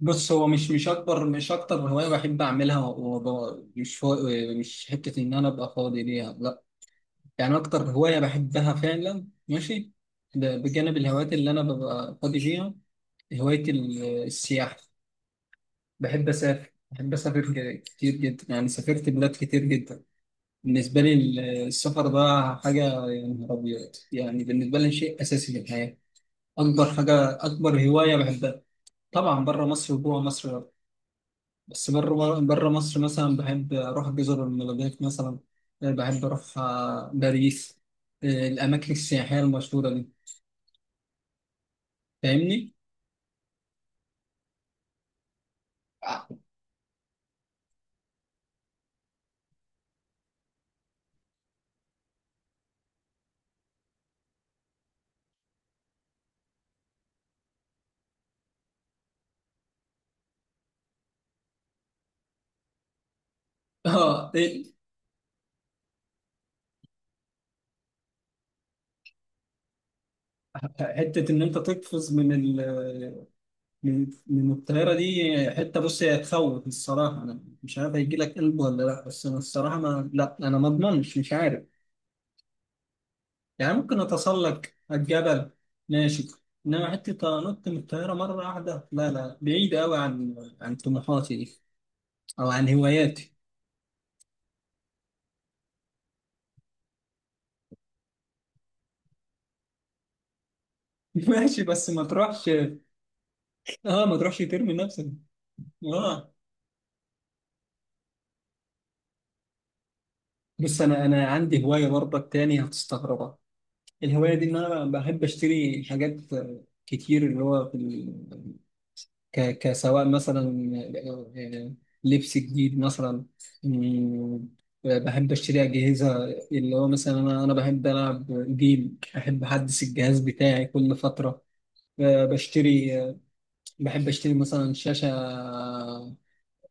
بص، هو مش اكبر، مش اكتر هوايه بحب اعملها. مش حته ان انا ابقى فاضي ليها. لا، يعني اكتر هوايه بحبها فعلا. ماشي، ده بجانب الهوايات اللي انا ببقى فاضي ليها. هوايه السياحه. بحب اسافر، بحب اسافر كتير جدا. يعني سافرت بلاد كتير جدا. بالنسبه لي السفر ده حاجه، يا نهار ابيض. يعني بالنسبه لي شيء اساسي في الحياه. اكبر حاجه، اكبر هوايه بحبها. طبعا بره مصر وجوه مصر. بس بره مصر مثلا بحب أروح جزر المالديف مثلا. بحب أروح باريس. الأماكن السياحية المشهورة دي. فاهمني؟ اه إيه، حتة إن أنت تقفز من ال من من الطيارة دي. حتة، بص، هي تخوف الصراحة. أنا مش عارف هيجي لك قلب ولا لأ، بس أنا الصراحة، ما لأ، أنا ما أضمنش، مش عارف. يعني ممكن أتسلق الجبل، ماشي. إنما حتة أنط من الطيارة مرة واحدة، لا لا، بعيدة أوي عن طموحاتي دي، او عن هواياتي. ماشي، بس ما تروحش. اه، ما تروحش ترمي نفسك. اه. بس انا عندي هوايه برضك تاني هتستغربها. الهوايه دي ان انا بحب اشتري حاجات كتير، اللي هو كسواء مثلا، آه، آه، لبس جديد مثلا. مم، بحب اشتري اجهزه. اللي هو مثلا انا بحب العب جيم. بحب احدث الجهاز بتاعي كل فتره. بشتري بحب اشتري مثلا شاشه.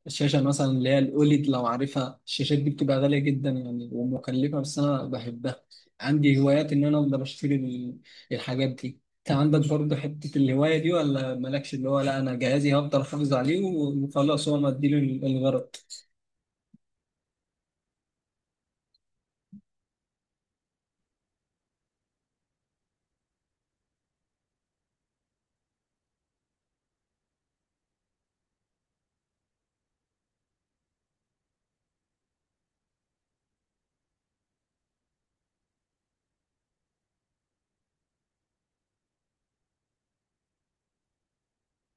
الشاشة مثلا اللي هي الأوليد لو عارفها. الشاشات دي بتبقى غالية جدا يعني ومكلفة، بس أنا بحبها. عندي هوايات إن أنا أفضل أشتري الحاجات دي. أنت عندك برضه حتة الهواية دي ولا مالكش؟ اللي هو لا، أنا جهازي هفضل أحافظ عليه وخلاص، هو مديله الغرض.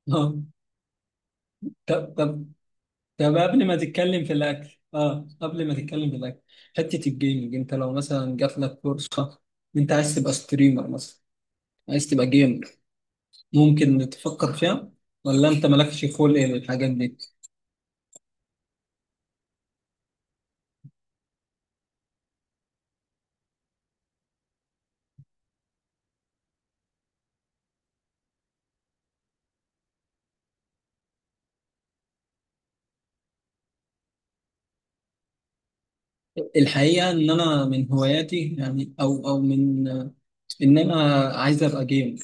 آه. طب طب طب قبل ما تتكلم في الأكل، قبل ما تتكلم في الأكل حتة الجيمنج، أنت لو مثلا جات لك فرصة، أنت عايز تبقى ستريمر مثلا، عايز تبقى جيمر، ممكن نتفكر فيها، ولا انت مالكش خلق للحاجات دي؟ الحقيقه ان انا من هواياتي يعني، او من ان انا عايز ابقى جيم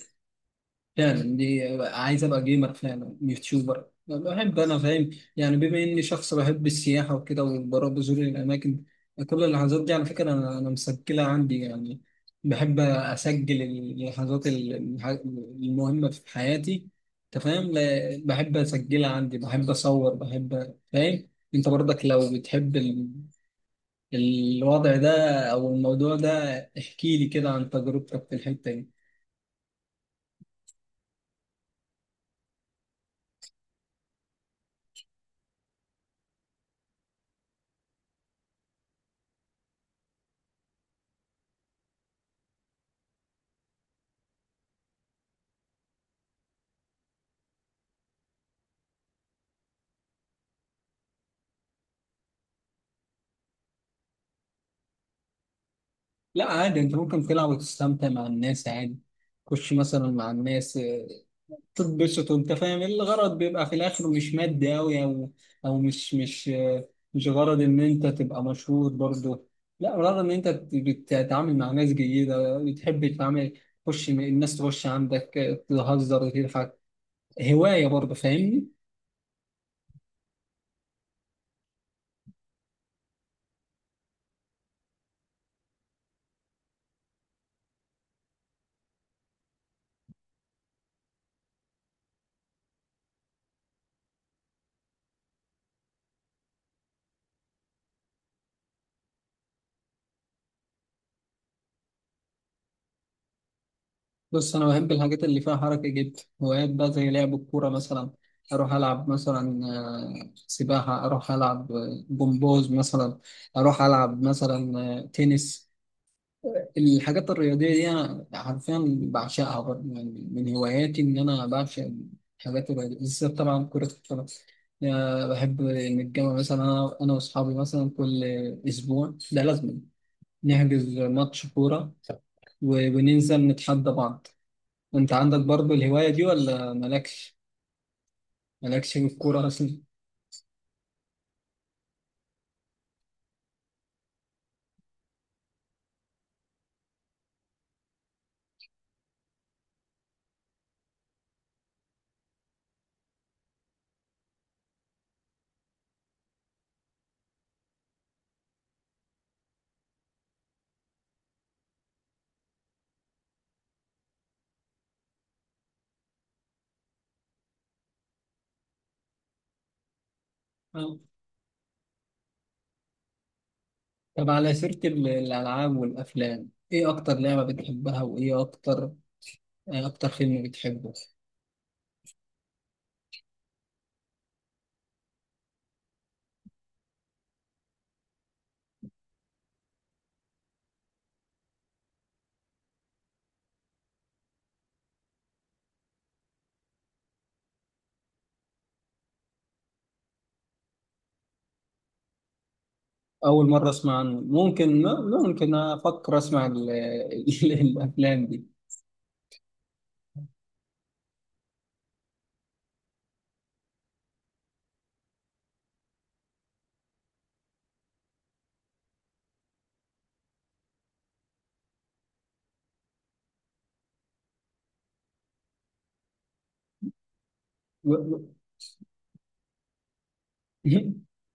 عايز ابقى جيمر فعلا، يوتيوبر، بحب انا، فاهم؟ يعني بما اني شخص بحب السياحه وكده، وبروح بزور الاماكن. كل اللحظات دي على فكره انا مسجلها عندي يعني. بحب اسجل اللحظات المهمه في حياتي. انت فاهم؟ بحب اسجلها عندي، بحب اصور، بحب، فاهم. انت برضك لو بتحب الوضع ده، او الموضوع ده، احكي لي كده عن تجربتك في الحته دي. لا، عادي، انت ممكن تلعب وتستمتع مع الناس عادي. خش مثلا مع الناس، تتبسط، وانت فاهم الغرض بيبقى في الاخر مش مادي اوي، او مش غرض ان انت تبقى مشهور برضه. لا، غرض ان انت بتتعامل مع ناس جيدة، بتحب تتعامل. تخش الناس، تخش عندك، تهزر وتضحك. هواية برضه، فاهمني؟ بص، أنا بحب الحاجات اللي فيها حركة جدا. هوايات بقى زي لعب الكورة مثلا. أروح ألعب مثلا سباحة، أروح ألعب جمباز مثلا، أروح ألعب مثلا تنس. الحاجات الرياضية دي أنا حرفيا بعشقها برضه. يعني من هواياتي إن أنا بعشق الحاجات الرياضية، بالذات طبعا كرة القدم. أنا بحب نتجمع مثلا، أنا وأصحابي مثلا كل أسبوع، ده لازم نحجز ماتش كورة، وننزل نتحدى بعض. أنت عندك برضه الهواية دي ولا مالكش؟ مالكش في الكورة أصلا؟ آه. طب، على سيرة الألعاب والأفلام، إيه أكتر لعبة بتحبها، وإيه أكتر فيلم بتحبه؟ أول مرة أسمع عنه. ممكن أفكر أسمع الأفلام دي. و- و-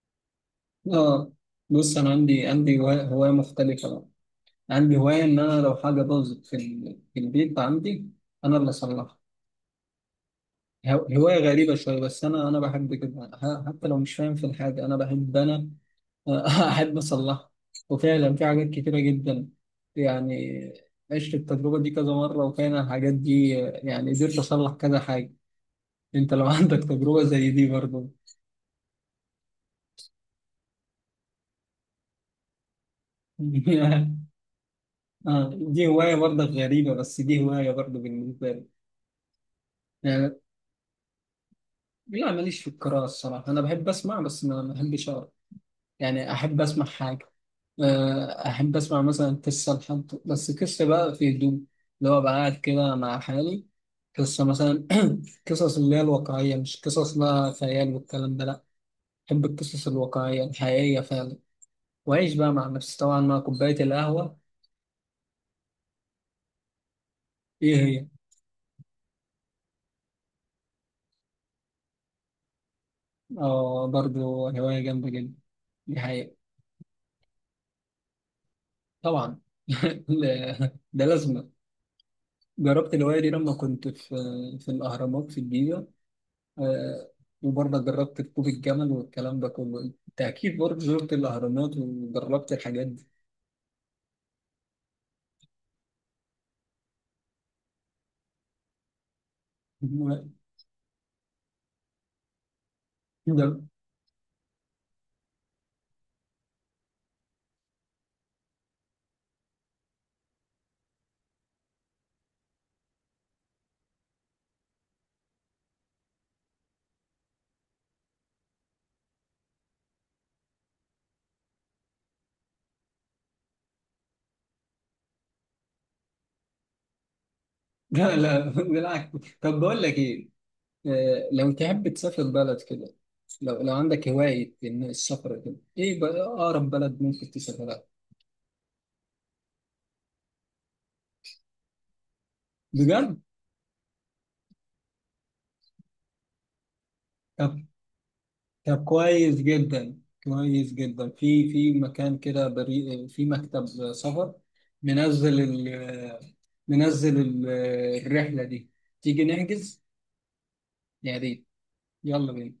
آه بص، أنا عندي هواية مختلفة بقى. عندي هواية إن أنا لو حاجة باظت في البيت عندي، أنا اللي أصلحها. هواية غريبة شوية، بس أنا بحب كده، حتى لو مش فاهم في الحاجة، أنا بحب أنا أحب أصلحها. وفعلا في حاجات كتيرة جدا يعني، عشت التجربة دي كذا مرة، وكان الحاجات دي يعني قدرت أصلح كذا حاجة. انت لو عندك تجربة زي دي برضه؟ دي هواية برضه غريبة، بس دي هواية برضه بالنسبة لي، يعني. لا، ماليش في القراءة الصراحة. أنا بحب أسمع، بس ما بحبش أقرأ. يعني أحب أسمع حاجة، أحب أسمع مثلا قصة، لحد، بس قصة بقى في هدوء، اللي هو بقى قاعد كده مع حالي، قصة مثلا، قصص اللي هي الواقعية، مش قصص بقى خيال والكلام ده، لا. بحب القصص الواقعية الحقيقية فعلا، وأعيش بقى مع نفسي، طبعا مع كوباية القهوة. إيه هي؟ اه، برضه هواية جامدة جدا دي، حقيقة. طبعا. ده لازمة. جربت الهواية دي لما كنت في الأهرامات في الجيزة. آه، وبرضه جربت ركوب الجمل والكلام ده كله. أنت أكيد برضه زرت الأهرامات وجربت الحاجات دي. ده- لا لا، بالعكس. طب بقول لك إيه، لو تحب تسافر بلد كده، لو عندك هواية إن السفر كده، إيه بقى أقرب بلد ممكن تسافرها؟ بجد؟ طب، كويس جدا، كويس جدا. في مكان كده بريء، في مكتب سفر، منزل ال منزل الرحلة دي، تيجي نحجز؟ يا ريت، يلا بينا.